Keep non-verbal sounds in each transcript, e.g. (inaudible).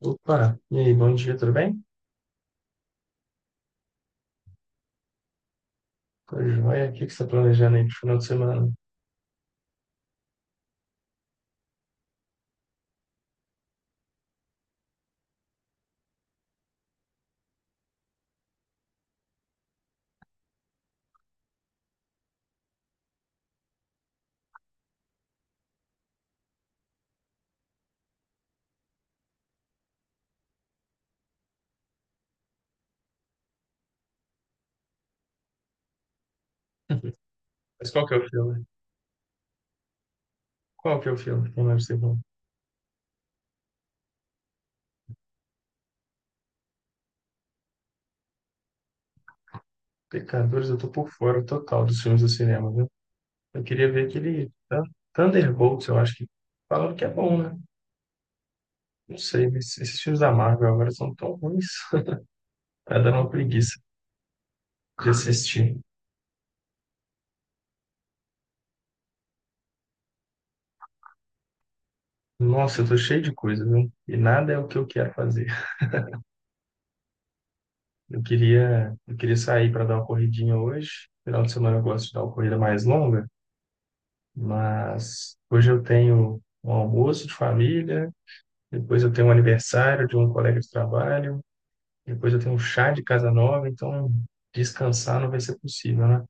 Opa, e aí, bom dia, tudo bem? Tudo jóia? O que você está planejando aí pro final de semana? Mas qual que é o filme? Qual que é o filme? Quem mais você viu? Pecadores, eu tô por fora total dos filmes do cinema, viu? Eu queria ver aquele Thunderbolts, eu acho que falaram que é bom, né? Não sei, mas esses filmes da Marvel agora são tão ruins. (laughs) Tá dando uma preguiça de assistir. Nossa, eu tô cheio de coisa, viu? E nada é o que eu quero fazer. Eu queria sair para dar uma corridinha hoje. Final de semana eu gosto de dar uma corrida mais longa. Mas hoje eu tenho um almoço de família, depois eu tenho um aniversário de um colega de trabalho, depois eu tenho um chá de casa nova, então descansar não vai ser possível, né?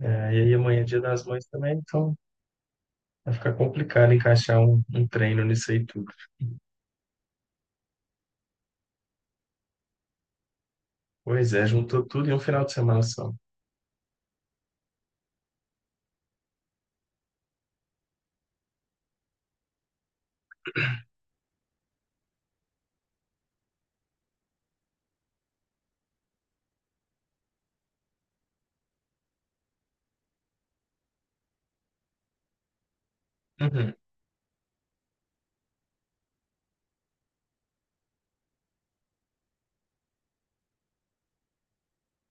E aí amanhã é Dia das Mães também, então vai ficar complicado encaixar um treino nisso aí tudo. Pois é, juntou tudo em um final de semana só. Uhum.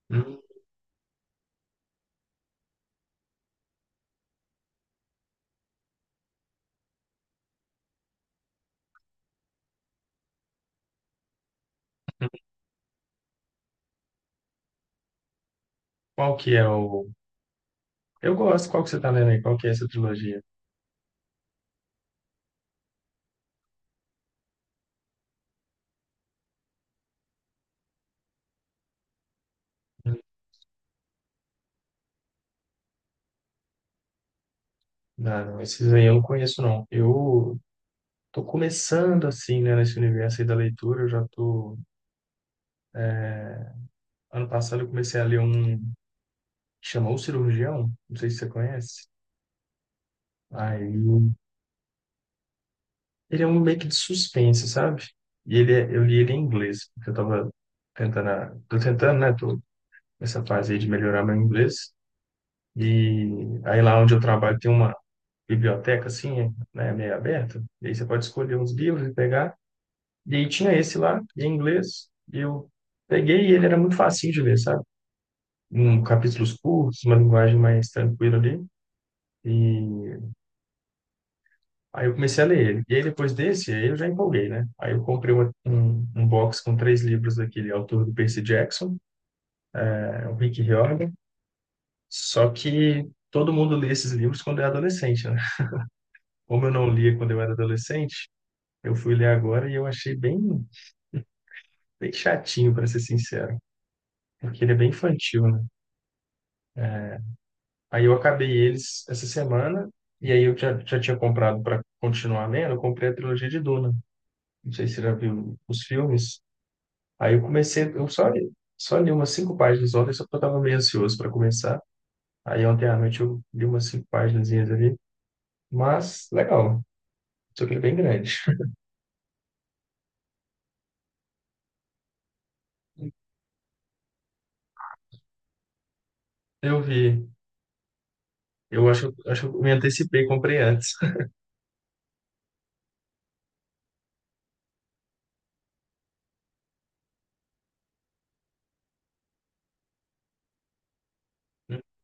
Hum, hum. Qual que é o... Eu gosto, qual que você tá lendo aí? Qual que é essa trilogia? Hum. Não, não, esses aí eu não conheço, não. Eu tô começando assim, né, nesse universo aí da leitura. Eu já tô. Ano passado eu comecei a ler um que chama O Cirurgião, não sei se você conhece. Aí ele é um meio que de suspense, sabe? E ele é... eu li ele em inglês, porque eu tava tô tentando, né, tô nessa fase aí de melhorar meu inglês. E aí lá onde eu trabalho tem uma biblioteca assim, né, meio aberta. E aí você pode escolher uns livros e pegar. E aí tinha esse lá, em inglês. E eu peguei e ele era muito facinho de ler, sabe? Um capítulos curtos, uma linguagem mais tranquila ali. E aí eu comecei a ler ele. E aí depois desse, aí eu já empolguei, né? Aí eu comprei um box com três livros daquele autor do Percy Jackson, é, o Rick Riordan. Só que todo mundo lê esses livros quando é adolescente, né? Como eu não lia quando eu era adolescente, eu fui ler agora e eu achei bem, bem chatinho, para ser sincero, porque ele é bem infantil, né? Aí eu acabei eles essa semana, e aí eu já tinha comprado para continuar lendo, eu comprei a trilogia de Duna. Não sei se você já viu os filmes. Aí eu comecei, só li umas cinco páginas ontem, só porque eu estava meio ansioso para começar. Aí ontem à noite eu li umas cinco páginazinhas ali, mas legal, só que ele é bem grande. (laughs) Eu vi, acho que eu me antecipei, comprei antes. (laughs)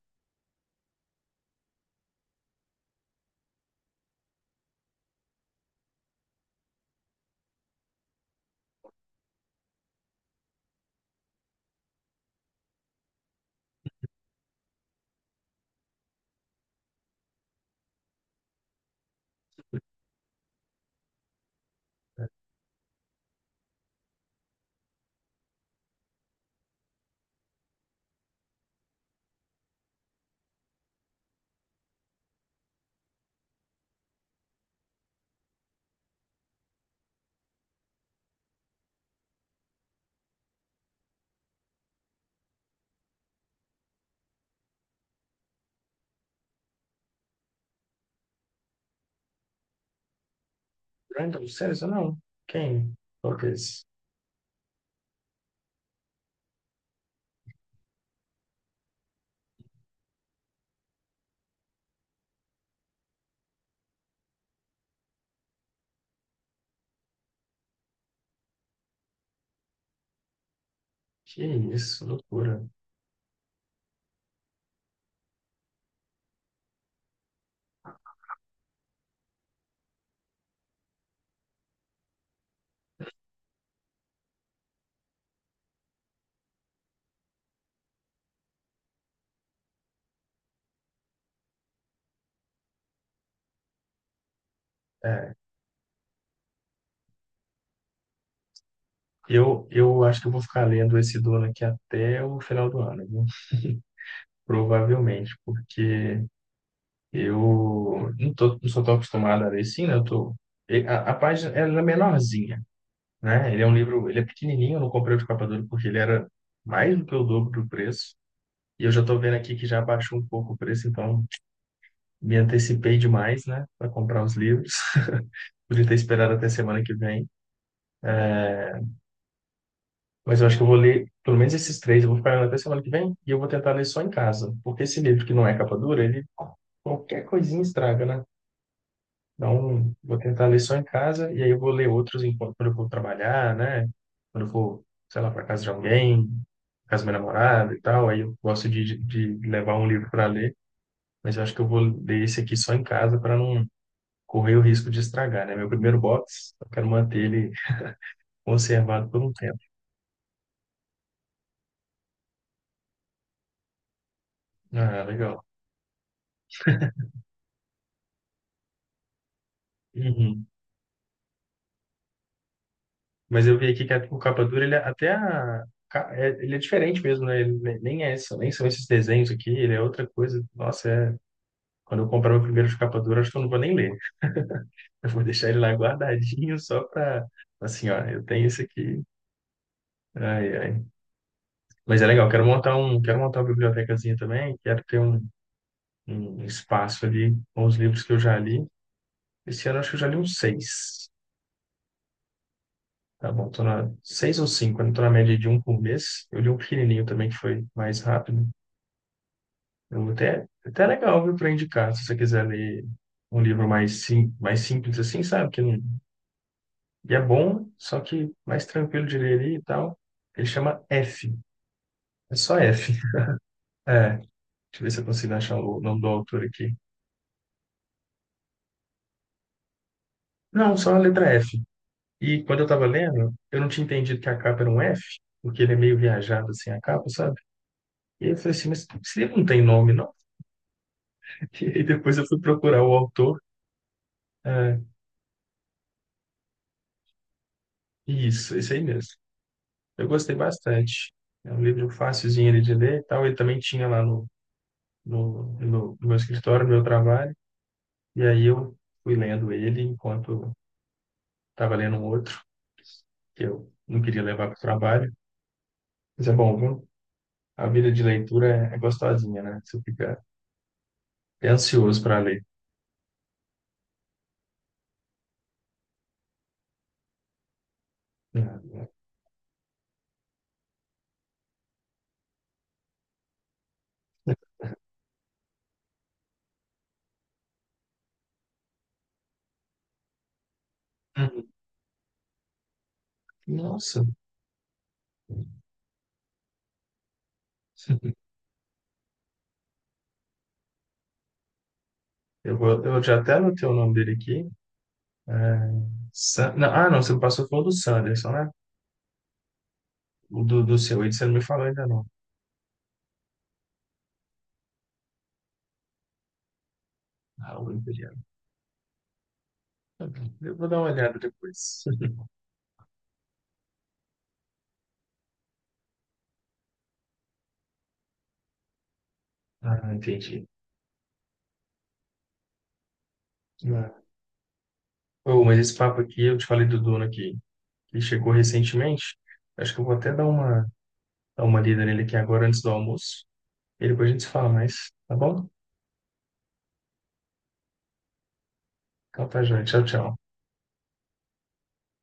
Brandon, sério, isso não? Quem? Talvez. Que isso, loucura. É, eu acho que eu vou ficar lendo esse dono aqui até o final do ano, viu? Provavelmente, porque eu não sou tão acostumado a ler assim, né? Eu tô, e- a página ela é menorzinha, né? Ele é um livro, ele é pequenininho, eu não comprei o de capa dura porque ele era mais do que o dobro do preço. E eu já estou vendo aqui que já baixou um pouco o preço, então me antecipei demais, né? Para comprar os livros. (laughs) Podia ter esperado até semana que vem. Mas eu acho que eu vou ler pelo menos esses três, eu vou ficar lendo até semana que vem e eu vou tentar ler só em casa. Porque esse livro que não é capa dura, ele qualquer coisinha estraga, né? Então, vou tentar ler só em casa e aí eu vou ler outros enquanto quando eu for trabalhar, né? Quando eu for, sei lá, para casa de alguém, casa da minha namorada e tal. Aí eu gosto de levar um livro para ler, mas eu acho que eu vou ler esse aqui só em casa para não correr o risco de estragar, né? Meu primeiro box, eu quero manter ele conservado por um tempo. Ah, legal. Uhum. Mas eu vi aqui que o capa dura, ele é até ele é diferente mesmo, né? Ele nem é isso, nem são esses desenhos aqui, ele é outra coisa. Nossa, é quando eu comprar meu primeiro de capa dura, acho que eu não vou nem ler. Eu vou deixar ele lá guardadinho só para, assim, ó, eu tenho isso aqui. Ai, ai. Mas é legal, quero montar um, quero montar uma bibliotecazinha também, quero ter um, um espaço ali com os livros que eu já li. Esse ano acho que eu já li uns seis. Tá bom, tô na seis ou cinco, eu tô na média de um por mês. Eu li um pequenininho também que foi mais rápido. Eu até, até legal, viu, para indicar, se você quiser ler um livro mais, sim, mais simples assim, sabe? Que não. E é bom, só que mais tranquilo de ler ali e tal. Ele chama F. É só F. (laughs) É, deixa eu ver se eu consigo achar o nome do autor aqui. Não, só a letra F. E quando eu tava lendo, eu não tinha entendido que a capa era um F, porque ele é meio viajado assim, a capa, sabe? E aí eu falei assim, mas esse livro não tem nome, não? (laughs) E aí depois eu fui procurar o autor. É, isso, esse aí mesmo. Eu gostei bastante. É um livro facilzinho ali de ler e tal. Ele também tinha lá no meu escritório, no meu trabalho. E aí eu fui lendo ele enquanto estava lendo um outro que eu não queria levar para o trabalho. Mas é bom, viu? A vida de leitura é gostosinha, né? Você fica é ansioso para ler. Né? Uhum. Nossa, (laughs) eu vou, eu já até anotei o nome dele aqui. É, não, você me passou foi o do Sanderson, né? O do seu, ele você não me falou ainda não. Ah, o Imperial. Tá bom. Eu vou dar uma olhada depois. (laughs) Ah, entendi. Ah. Ô, mas esse papo aqui, eu te falei do dono aqui. Que chegou recentemente. Acho que eu vou até dar uma lida nele aqui agora antes do almoço. E depois a gente se fala mais, tá bom? Então tá, gente. Tchau, tchau.